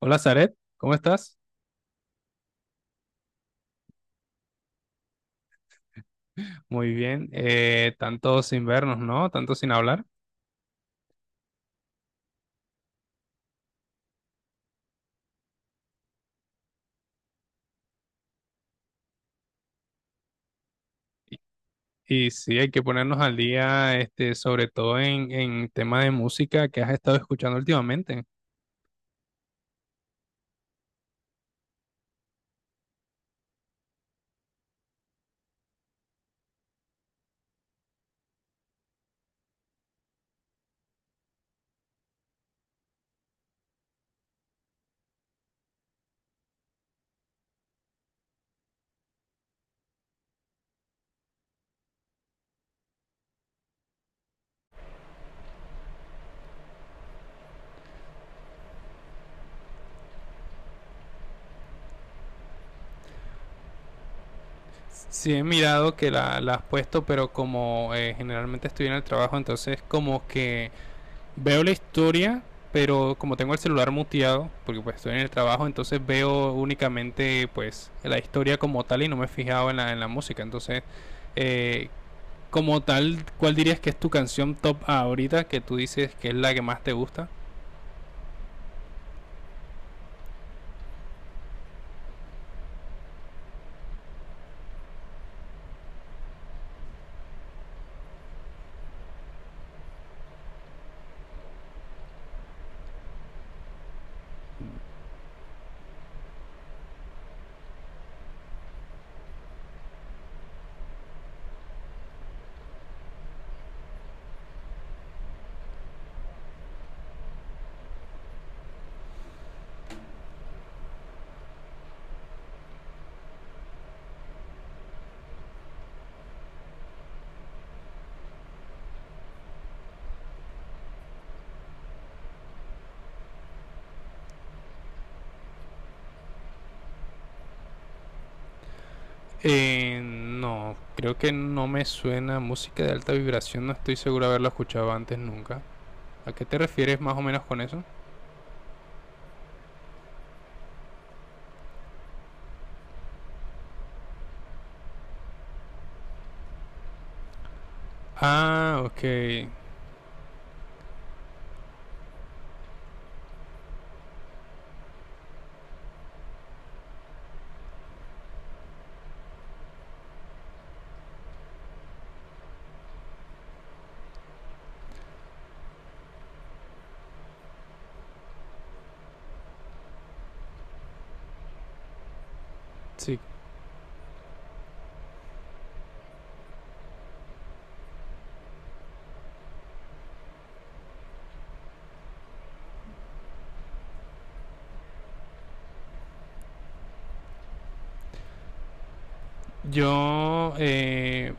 Hola, Zaret, ¿cómo estás? Muy bien, tanto sin vernos, ¿no? Tanto sin hablar. Y sí, hay que ponernos al día, sobre todo en tema de música que has estado escuchando últimamente. Sí, he mirado que la has puesto, pero como generalmente estoy en el trabajo, entonces como que veo la historia, pero como tengo el celular muteado, porque pues estoy en el trabajo, entonces veo únicamente pues la historia como tal y no me he fijado en en la música. Entonces eh, como tal, ¿cuál dirías que es tu canción top ahorita que tú dices que es la que más te gusta? No, creo que no me suena música de alta vibración, no estoy seguro de haberlo escuchado antes nunca. ¿A qué te refieres más o menos con eso? Ah, ok. Sí. Yo,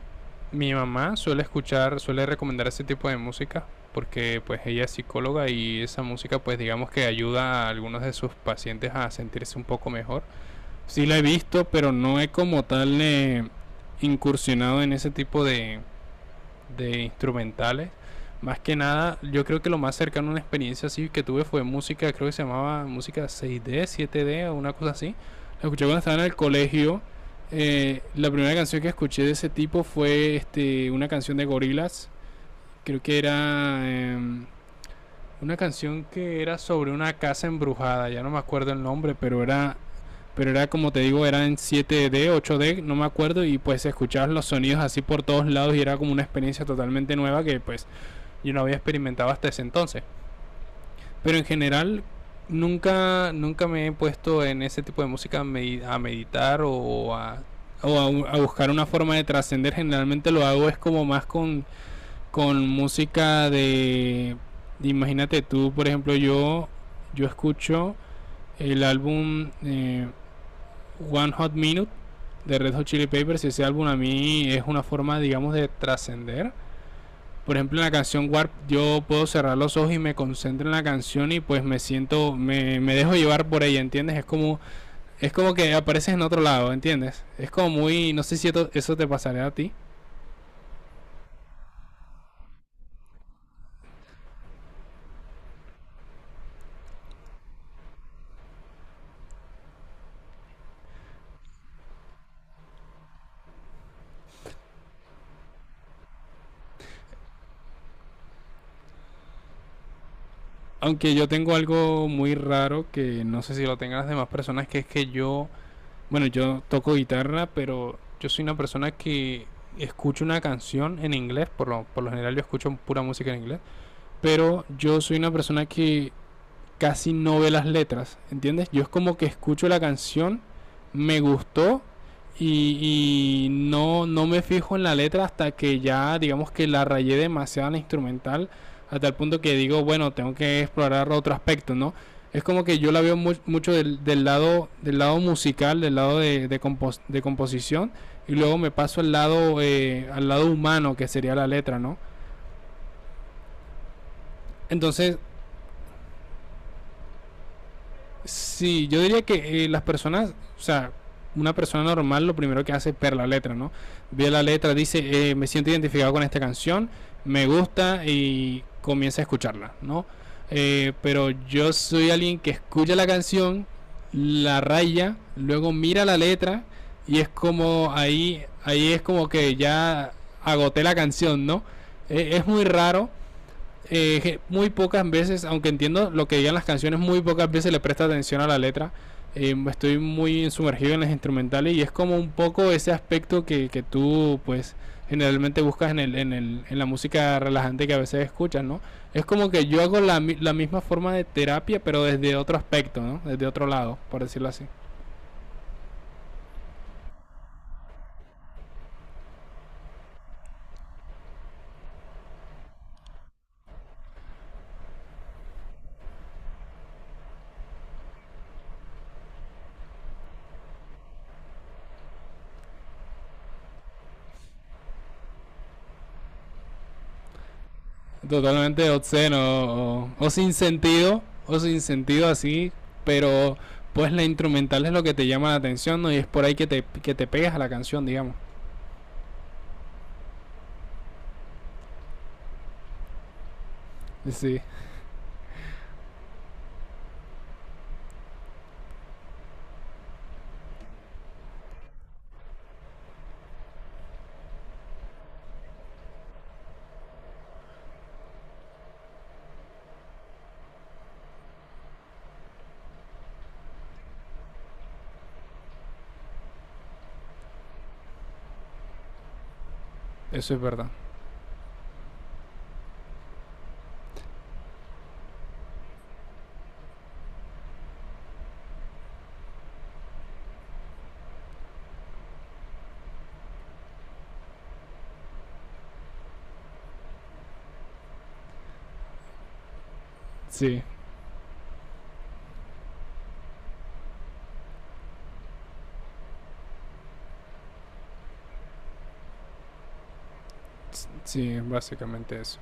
mi mamá suele escuchar, suele recomendar ese tipo de música porque pues ella es psicóloga y esa música pues digamos que ayuda a algunos de sus pacientes a sentirse un poco mejor. Sí la he visto, pero no he como tal incursionado en ese tipo de instrumentales. Más que nada, yo creo que lo más cercano a una experiencia así que tuve fue música, creo que se llamaba música 6D, 7D o una cosa así. La escuché cuando estaba en el colegio. La primera canción que escuché de ese tipo fue una canción de Gorillaz. Creo que era una canción que era sobre una casa embrujada, ya no me acuerdo el nombre, pero era como te digo, era en siete d ocho d, no me acuerdo, y pues escuchabas los sonidos así por todos lados y era como una experiencia totalmente nueva que pues yo no había experimentado hasta ese entonces. Pero en general nunca me he puesto en ese tipo de música a meditar o a, o a buscar una forma de trascender. Generalmente lo hago es como más con música de, imagínate tú, por ejemplo, yo escucho el álbum One Hot Minute de Red Hot Chili Peppers, y ese álbum a mí es una forma, digamos, de trascender. Por ejemplo, en la canción Warp yo puedo cerrar los ojos y me concentro en la canción y pues me siento, me dejo llevar por ella, ¿entiendes? Es como que apareces en otro lado, ¿entiendes? Es como muy, no sé si eso te pasaría a ti. Aunque yo tengo algo muy raro que no sé si lo tengan las demás personas, que es que bueno, yo toco guitarra, pero yo soy una persona que escucho una canción en inglés, por lo general yo escucho pura música en inglés, pero yo soy una persona que casi no ve las letras, ¿entiendes? Yo es como que escucho la canción, me gustó y no, no me fijo en la letra hasta que ya, digamos que la rayé demasiado en la instrumental, hasta el punto que digo, bueno, tengo que explorar otro aspecto, ¿no? Es como que yo la veo mucho del lado musical, del lado de, de composición, y luego me paso al lado humano, que sería la letra, ¿no? Entonces, sí, yo diría que las personas, o sea, una persona normal lo primero que hace es ver la letra, ¿no? Ve la letra, dice, me siento identificado con esta canción, me gusta y comienza a escucharla, ¿no? Pero yo soy alguien que escucha la canción, la raya, luego mira la letra, y es como ahí, ahí es como que ya agoté la canción, ¿no? Es muy raro, muy pocas veces, aunque entiendo lo que digan las canciones, muy pocas veces le presta atención a la letra. Estoy muy sumergido en las instrumentales y es como un poco ese aspecto que tú, pues, generalmente buscas en, en, en la música relajante que a veces escuchas, ¿no? Es como que yo hago la misma forma de terapia, pero desde otro aspecto, ¿no? Desde otro lado, por decirlo así. Totalmente obsceno o, o sin sentido así, pero pues la instrumental es lo que te llama la atención, ¿no? Y es por ahí que te pegas a la canción, digamos. Sí, eso es verdad. Sí, sí, básicamente eso.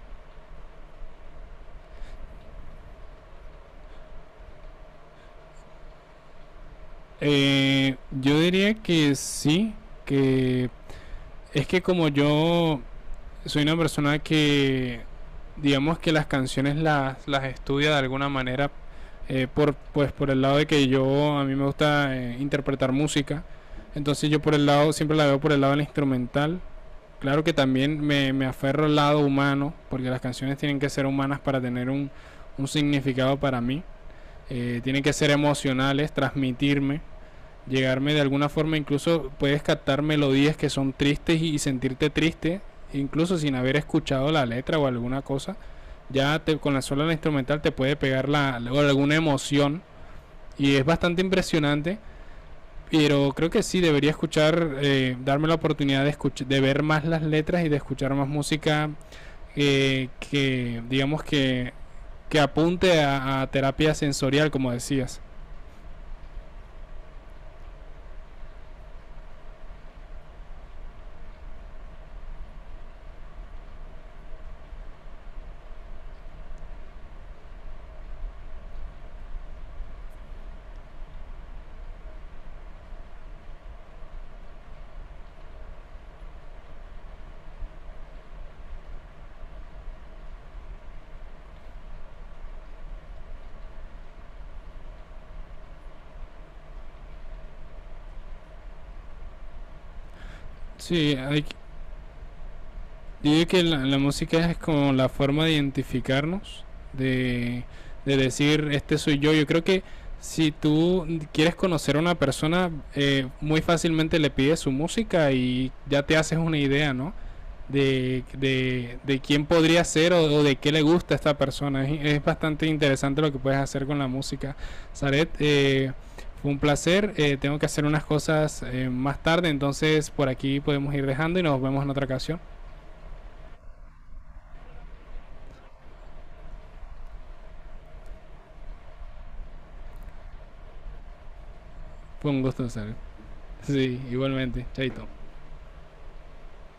Eh, yo diría que sí, que es que como yo soy una persona digamos que las canciones las estudia de alguna manera, pues por el lado de que yo, a mí me gusta interpretar música, entonces yo por el lado, siempre la veo por el lado del instrumental. Claro que también me aferro al lado humano, porque las canciones tienen que ser humanas para tener un significado para mí. Tienen que ser emocionales, transmitirme, llegarme de alguna forma. Incluso puedes captar melodías que son tristes y sentirte triste, incluso sin haber escuchado la letra o alguna cosa, ya te, con la sola la instrumental te puede pegar alguna emoción, y es bastante impresionante. Pero creo que sí, debería escuchar, darme la oportunidad de escuchar, de ver más las letras y de escuchar más música digamos que apunte a terapia sensorial, como decías. Sí, hay, yo digo que la música es como la forma de identificarnos, de, de decir, este soy yo. Yo creo que si tú quieres conocer a una persona, muy fácilmente le pides su música y ya te haces una idea, ¿no? De quién podría ser o de qué le gusta a esta persona. Es bastante interesante lo que puedes hacer con la música. Saret, fue un placer. Tengo que hacer unas cosas más tarde, entonces por aquí podemos ir dejando y nos vemos en otra ocasión. Fue un gusto estar. Sí, igualmente. Chaito.